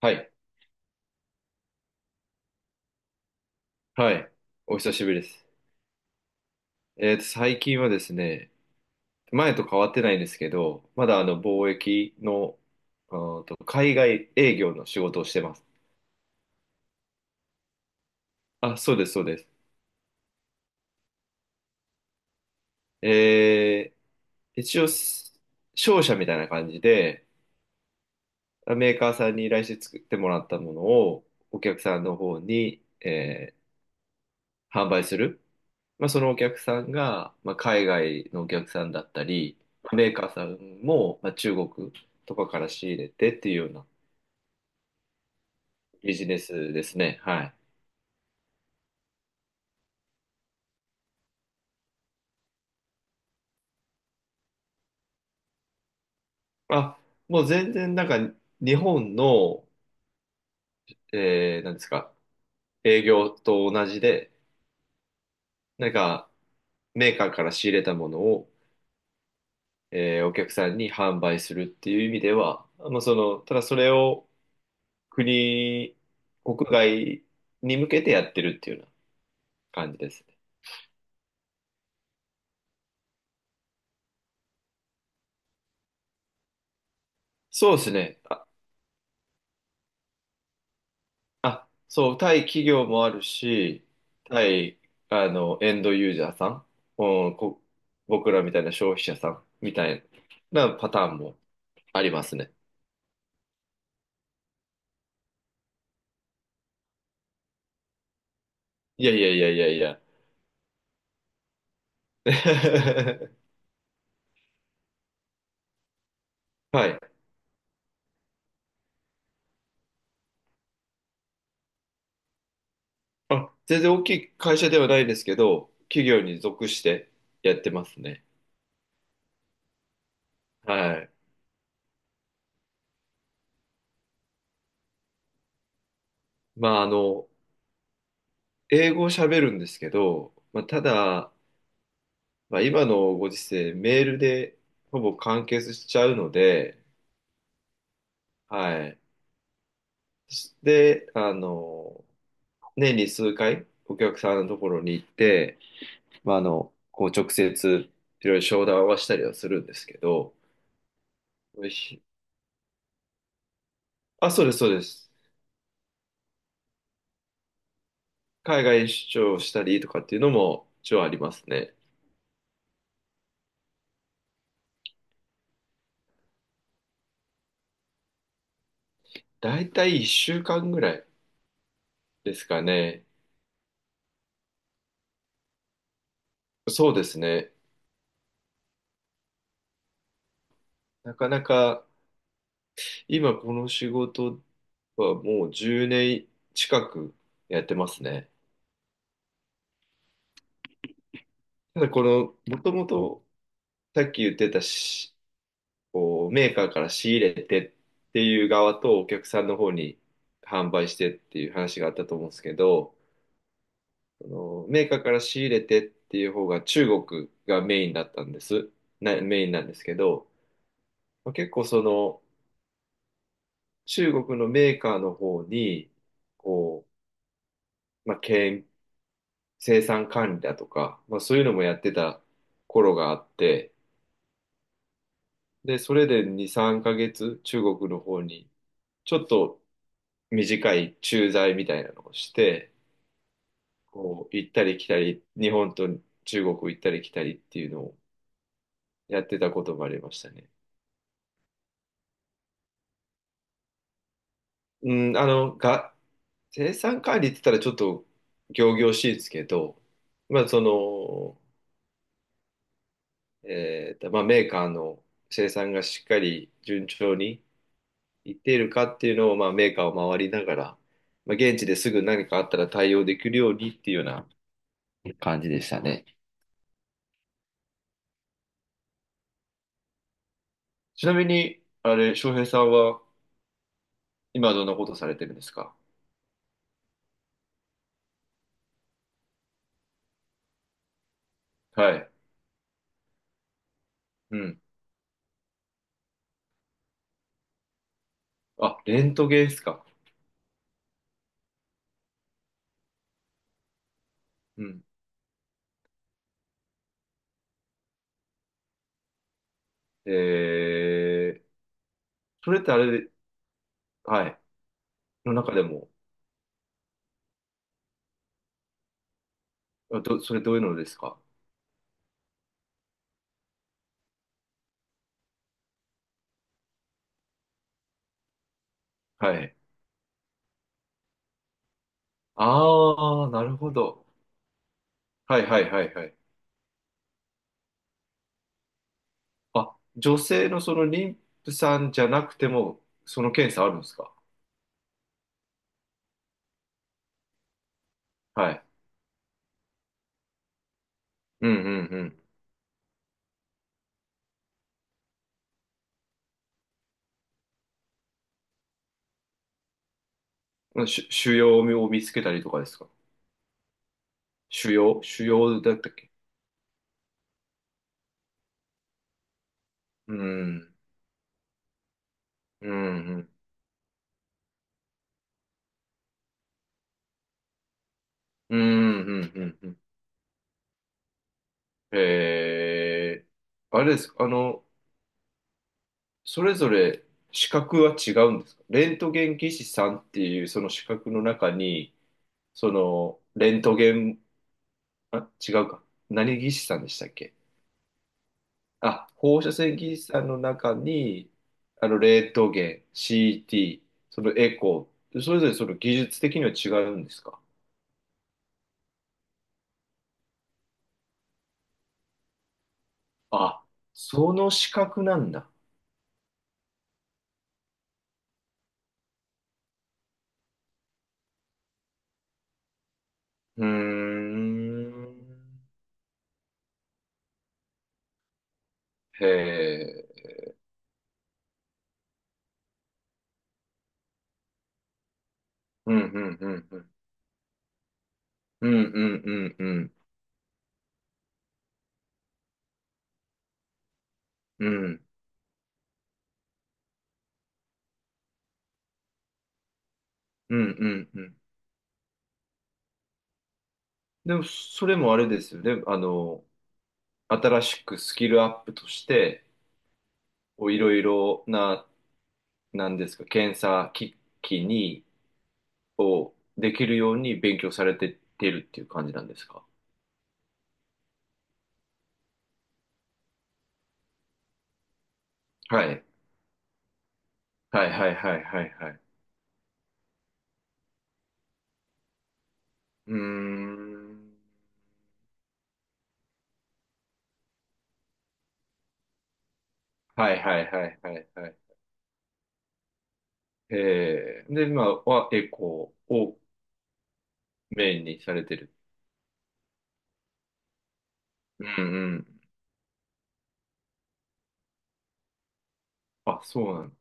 はい。はい。お久しぶりです。最近はですね、前と変わってないんですけど、まだあの貿易の、あーと、海外営業の仕事をしてます。あ、そうです、そうです。え一応、商社みたいな感じで、メーカーさんに依頼して作ってもらったものを、お客さんの方に、販売する。まあ、そのお客さんが、まあ、海外のお客さんだったり、メーカーさんも、まあ、中国とかから仕入れてっていうようなビジネスですね。はい。あ、もう全然なんか日本の、なんですか、営業と同じで、なんかメーカーから仕入れたものを、お客さんに販売するっていう意味では、まあ、その、ただそれを国、国外に向けてやってるっていうような感じですね。そうですね。あ、そう、対企業もあるし、対、あの、エンドユーザーさん、うん、僕らみたいな消費者さんみたいなパターンもありますね。いやいやいやいやいや。はい。あ、全然大きい会社ではないですけど、企業に属してやってますね。はい。まあ、あの、英語を喋るんですけど、まあ、ただ、まあ、今のご時世、メールでほぼ完結しちゃうので、はい。で、あの、年に数回お客さんのところに行って、まあ、あの、こう直接いろいろ商談はしたりはするんですけど、ひあ、そうです、そうです。海外出張したりとかっていうのも一応ありますね。だいたい1週間ぐらいですかね。そうですね。なかなか今この仕事はもう10年近くやってますね。ただこの、もともとさっき言ってたこう、メーカーから仕入れてっていう側とお客さんの方に販売してっていう話があったと思うんですけど、そのメーカーから仕入れてっていう方が中国がメインだったんです。メインなんですけど、まあ、結構その中国のメーカーの方に、こう、まあ、経営生産管理だとか、まあ、そういうのもやってた頃があって、で、それで2、3ヶ月中国の方にちょっと短い駐在みたいなのをして、こう、行ったり来たり、日本と中国行ったり来たりっていうのをやってたこともありましたね。うん、あの、生産管理って言ったらちょっと仰々しいですけど、まあ、その、まあ、メーカーの生産がしっかり順調にいっているかっていうのを、まあ、メーカーを回りながら、まあ、現地ですぐ何かあったら対応できるようにっていうような感じでしたね。ちなみに、あれ、翔平さんは今どんなことされてるんですか？はい。うん。あ、レントゲンですか。うん。えー、それってあれで、はい。の中でも、それどういうのですか？はい。ああ、なるほど。はいはいはいはい。あ、女性のその妊婦さんじゃなくても、その検査あるんですか？はい。うんうんうん。腫瘍を見つけたりとかですか？腫瘍腫瘍だったっけ？うん。うんうん。うんうんうんうん。えー、あれです。あの、それぞれ資格は違うんですか？レントゲン技師さんっていうその資格の中に、その、レントゲン、あ、違うか。何技師さんでしたっけ？あ、放射線技師さんの中に、あの、レントゲン、CT、そのエコー、それぞれその技術的には違うんですか？あ、その資格なんだ。うーん。へえ。うん、うん、うん、うん。うん、うん、うん、うん。うん、うん、うん、うん。でも、それもあれですよね。あの、新しくスキルアップとして、こういろいろな、なんですか、検査機器に、をできるように勉強されてってるっていう感じなんですか？はい。はいはいはいはいはい。うーん。はいはいはいはいはい。えー、で、今はエコーをメインにされてる。うんうん。あ、そうなの。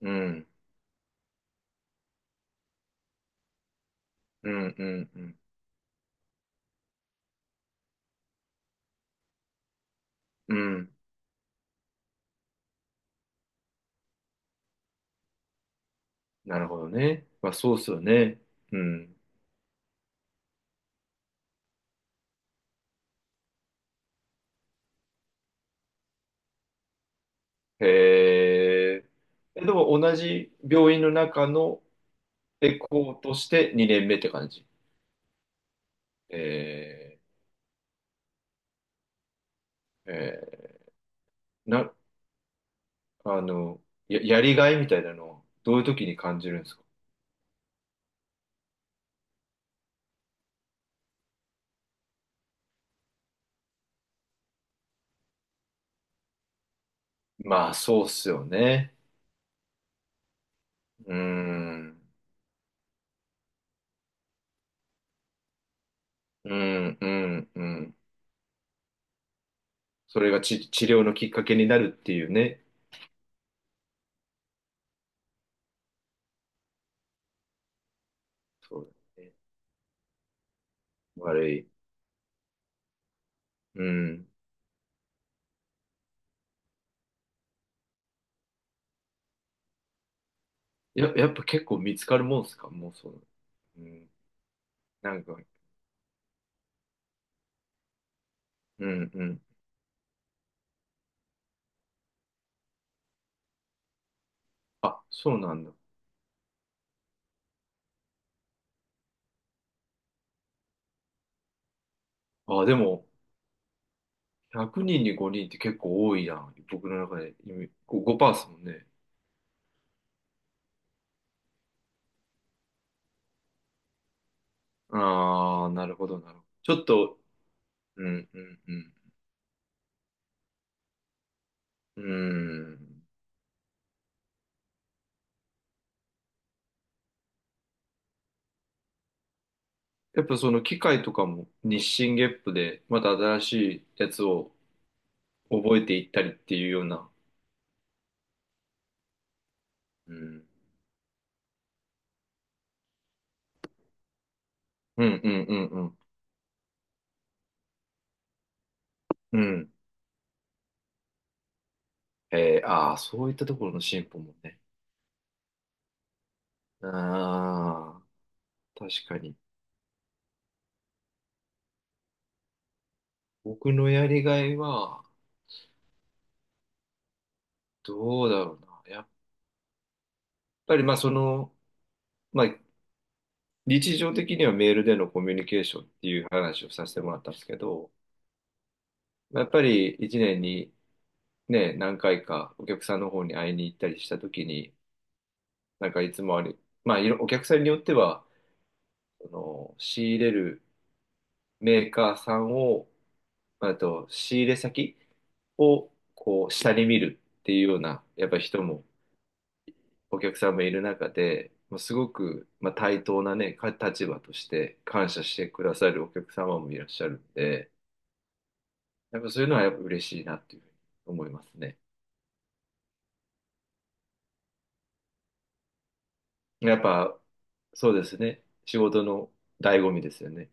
うん。うんうんうん。うん。なるほどね。まあそうっすよね。うん。へえ。え、でも同じ病院の中のエコーとして2年目って感じ。えー、えーな、あの、やりがいみたいなのをどういう時に感じるんですか？まあ、そうっすよね。うーん、うん、うん、うん。それが治療のきっかけになるっていうね。そうだね。悪い。うん。やっぱ結構見つかるもんっすかもうそう？うん。なんか、うん、うん。あ、そうなんだ。あ、でも、100人に5人って結構多いな。僕の中でイメージ。こう5%ですもんね。ああ、なるほど、なるほど。ちょっと、うん、うん、うん。うん。やっぱその機械とかも日進月歩でまた新しいやつを覚えていったりっていうような。うん。うん、うん、うん、うん。うん。えー、ああ、そういったところの進歩もね。ああ、確かに。僕のやりがいは、どうだろうな。やっぱり、まあ、その、まあ、日常的にはメールでのコミュニケーションっていう話をさせてもらったんですけど、まあやっぱり一年にね、何回かお客さんの方に会いに行ったりした時に、なんかいつもあり、まあお客さんによっては、あの仕入れるメーカーさんを、あと仕入れ先をこう下に見るっていうような、やっぱり人もお客さんもいる中で、もうすごく、まあ、対等なね、立場として感謝してくださるお客様もいらっしゃるんで、やっぱそういうのはやっぱ嬉しいなっていうふうに思いますね。やっぱそうですね。仕事の醍醐味ですよね。